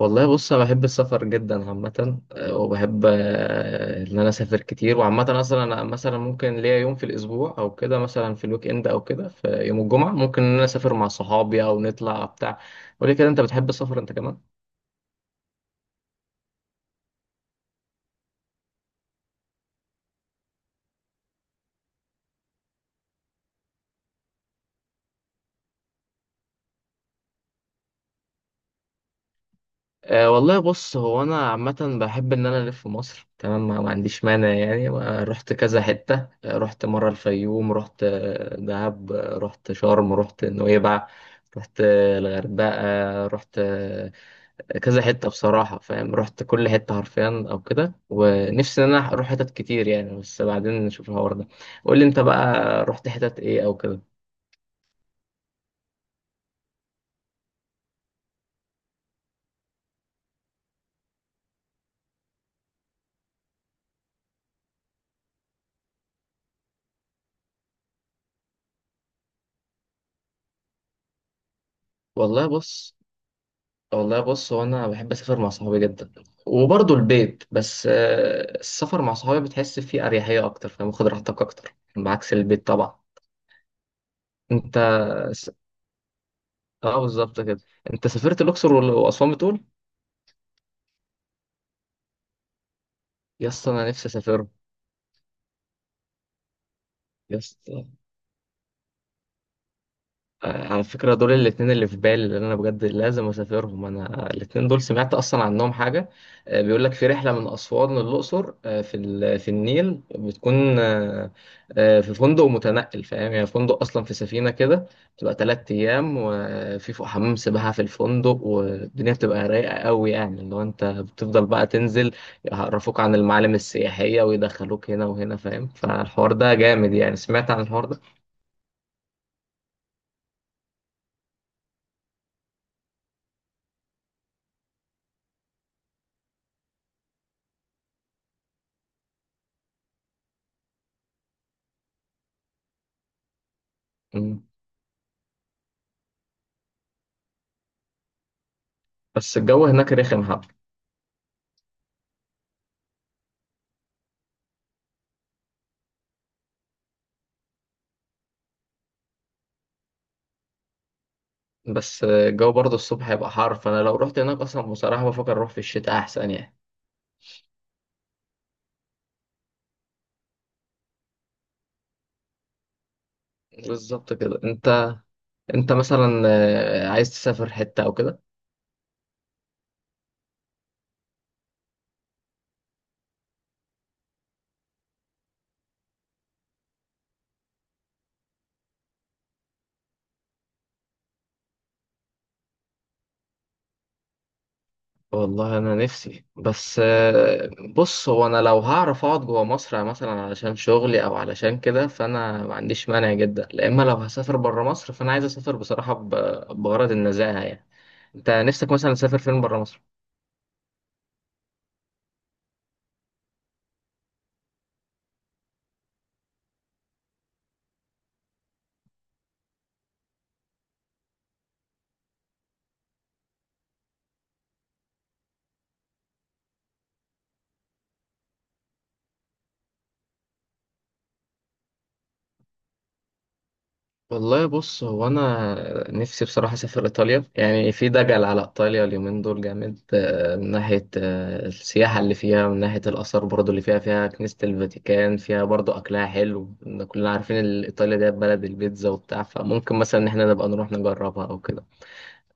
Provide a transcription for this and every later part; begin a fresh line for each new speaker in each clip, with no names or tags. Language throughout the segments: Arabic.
والله بص انا بحب السفر جدا عامه. وبحب ان انا اسافر كتير. وعامه اصلا انا مثلا ممكن ليا يوم في الاسبوع او كده، مثلا في الويك اند او كده، في يوم الجمعه ممكن ان انا اسافر مع صحابي او نطلع بتاع. وليه كده انت بتحب السفر انت كمان؟ أه، والله بص، هو انا عامه بحب ان انا الف في مصر تمام. ما عنديش مانع يعني. رحت كذا حته. رحت مره الفيوم، رحت دهب، رحت شرم، رحت نويبع، رحت الغردقه، رحت كذا حتة بصراحة. فاهم، رحت كل حتة حرفيا أو كده، ونفسي إن أنا أروح حتت كتير يعني. بس بعدين نشوف الحوار ده. قول لي أنت بقى، رحت حتت إيه أو كده؟ والله بص والله بص هو أنا بحب أسافر مع صحابي جدا وبرضه البيت. بس السفر مع صحابي بتحس فيه أريحية أكتر، فاهم، واخد راحتك أكتر بعكس البيت طبعا. أنت س... أه، بالظبط كده. أنت سافرت الأقصر وأسوان بتقول؟ يا اسطى، أنا نفسي أسافر، يا اسطى. على فكرة دول الاتنين اللي في بالي، اللي أنا بجد لازم أسافرهم. أنا الاتنين دول سمعت أصلا عنهم حاجة. بيقول لك في رحلة من أسوان للأقصر، في النيل بتكون في فندق متنقل. فاهم، يعني فندق أصلا في سفينة كده. بتبقى 3 أيام، وفي فوق حمام سباحة في الفندق، والدنيا بتبقى رايقة قوي، يعني اللي هو أنت بتفضل بقى تنزل، يعرفوك عن المعالم السياحية ويدخلوك هنا وهنا. فاهم، فالحوار ده جامد يعني. سمعت عن الحوار ده. مم. بس الجو هناك رخم حبة. بس الجو برضه الصبح هيبقى حر. فانا لو رحت هناك اصلا بصراحه بفكر اروح في الشتاء احسن يعني. بالظبط كده. انت مثلا عايز تسافر حته او كده؟ والله انا نفسي. بس بص هو انا لو هعرف اقعد جوه مصر مثلا علشان شغلي او علشان كده، فانا ما عنديش مانع جدا. لا اما لو هسافر بره مصر فانا عايز اسافر بصراحه بغرض النزاهه يعني. انت نفسك مثلا تسافر فين بره مصر؟ والله بص، هو انا نفسي بصراحه اسافر ايطاليا، يعني في دجل على ايطاليا اليومين دول جامد. من ناحيه السياحه اللي فيها، من ناحيه الاثار برضو اللي فيها كنيسه الفاتيكان، فيها برضو اكلها حلو، إن كلنا عارفين ايطاليا دي بلد البيتزا وبتاع. فممكن مثلا ان احنا نبقى نروح نجربها او كده.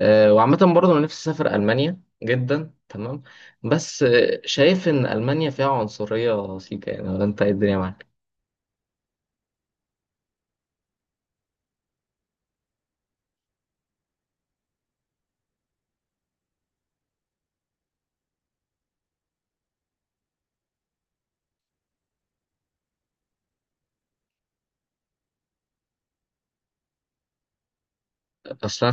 وعامه برضو انا نفسي اسافر المانيا جدا تمام. بس شايف ان المانيا فيها عنصريه سيكا يعني، ولا انت إيه الدنيا معاك؟ اصلا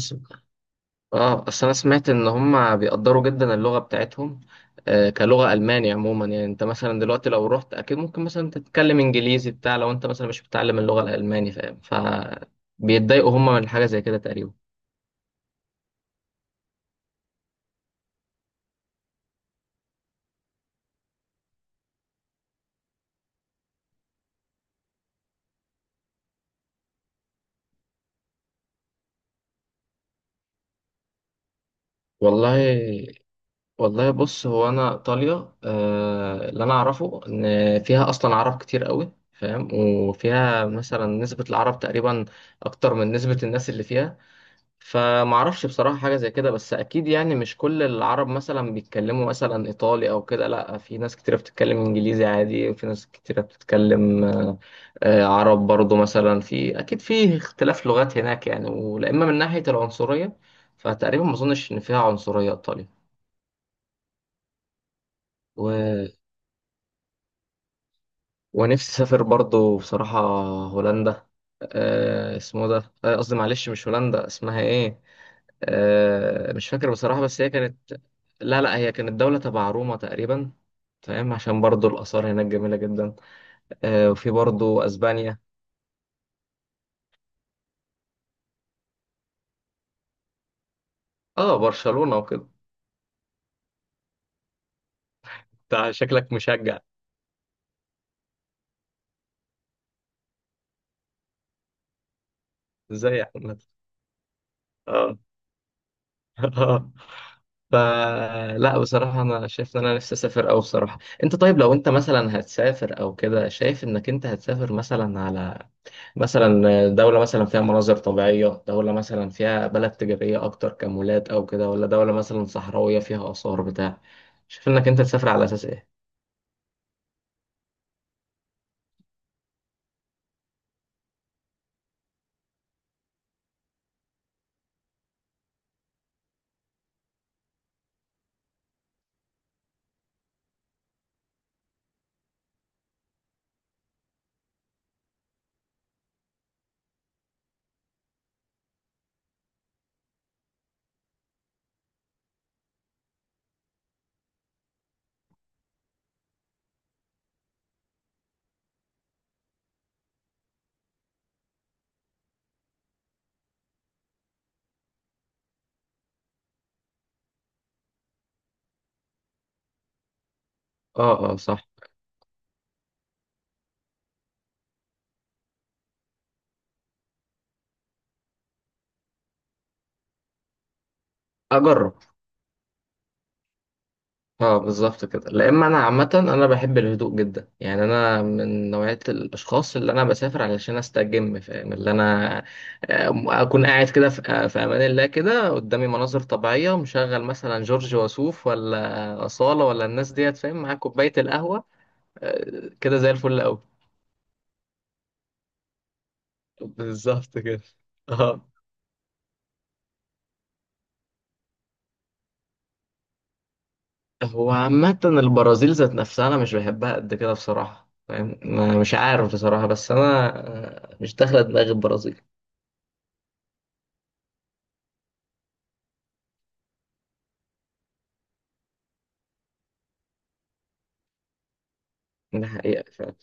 اه، اصل انا سمعت ان هم بيقدروا جدا اللغه بتاعتهم. كلغه الماني عموما. يعني انت مثلا دلوقتي لو رحت اكيد ممكن مثلا تتكلم انجليزي بتاع، لو انت مثلا مش بتتعلم اللغه الالماني، فاهم، فبيتضايقوا هم من حاجه زي كده تقريبا. والله والله بص، هو انا ايطاليا، اللي انا اعرفه ان فيها اصلا عرب كتير قوي، فاهم، وفيها مثلا نسبه العرب تقريبا اكتر من نسبه الناس اللي فيها. فمعرفش بصراحة حاجة زي كده، بس أكيد يعني مش كل العرب مثلا بيتكلموا مثلا إيطالي أو كده، لأ في ناس كتيرة بتتكلم إنجليزي عادي، وفي ناس كتيرة بتتكلم عرب برضو، مثلا في أكيد في اختلاف لغات هناك يعني. ولأما من ناحية العنصرية، فتقريبا ما أظنش إن فيها عنصرية إيطاليا. و... ونفسي أسافر برضو بصراحة هولندا. اسمه ده، قصدي معلش مش هولندا، اسمها إيه؟ مش فاكر بصراحة، بس هي كانت، لا، لا، هي كانت دولة تبع روما تقريبا. فاهم، عشان برضو الآثار هناك جميلة جدا. وفي برضو أسبانيا. اه، برشلونة وكده. انت شكلك مشجع. ازاي يا احمد؟ اه. اه. فلا بصراحة أنا شايف إن أنا نفسي أسافر أوي بصراحة. أنت طيب، لو أنت مثلا هتسافر أو كده، شايف إنك أنت هتسافر مثلا مثلا دولة مثلا فيها مناظر طبيعية، دولة مثلا فيها بلد تجارية أكتر كمولات أو كده، ولا دولة مثلا صحراوية فيها آثار بتاع؟ شايف إنك أنت تسافر على أساس إيه؟ أه، أه، صح. أجرب. اه، بالظبط كده. لا اما انا عامه انا بحب الهدوء جدا. يعني انا من نوعيه الاشخاص اللي انا بسافر علشان استجم، فاهم، اللي انا اكون قاعد كده في امان الله كده، قدامي مناظر طبيعيه، ومشغل مثلا جورج وسوف، ولا اصاله، ولا الناس ديت، فاهم، مع كوبايه القهوه. كده زي الفل قوي. بالظبط كده. اه. هو عامة البرازيل ذات نفسها أنا مش بحبها قد كده بصراحة. فاهم، مش عارف بصراحة، بس أنا مش داخلة دماغي البرازيل. ده حقيقة فعلا.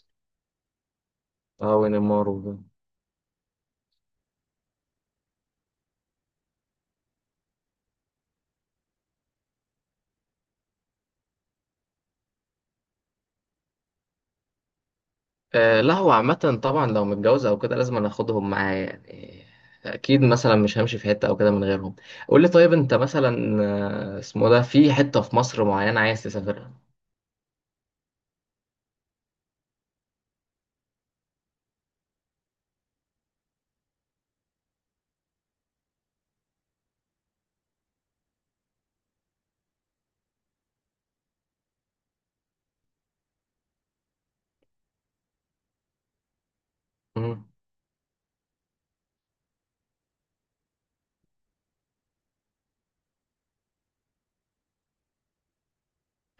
اه، ونيمار وجون. آه، لا، هو عامة طبعا لو متجوز او كده لازم انا اخدهم معايا يعني. اكيد مثلا مش همشي في حتة او كده من غيرهم. قول لي طيب، انت مثلا اسمه ده، في حتة في مصر معينة عايز تسافرها؟ مم.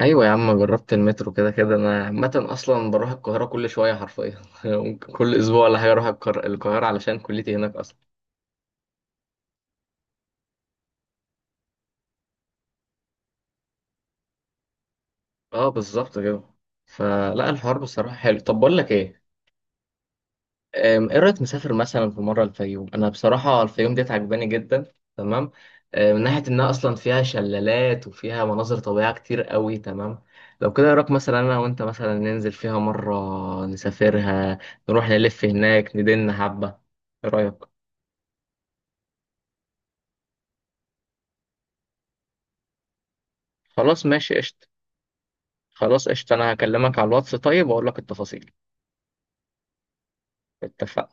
ايوه يا عم، جربت المترو كده كده. انا عامة اصلا بروح القاهرة كل شوية حرفيا ممكن كل اسبوع ولا حاجة اروح القاهرة، علشان كليتي هناك اصلا. اه، بالظبط كده. فلا الحوار بصراحة حلو. طب بقول لك ايه، ايه رأيك نسافر مثلا في مرة الفيوم؟ انا بصراحة الفيوم ديت عجباني جدا تمام. من ناحية انها اصلا فيها شلالات، وفيها مناظر طبيعية كتير قوي تمام. لو كده إيه رأيك مثلا انا وانت مثلا ننزل فيها مرة؟ نسافرها، نروح نلف هناك ندن حبة. ايه رأيك؟ خلاص، ماشي، قشطة. خلاص قشطة، انا هكلمك على الواتس طيب واقول لك التفاصيل. اتفقنا.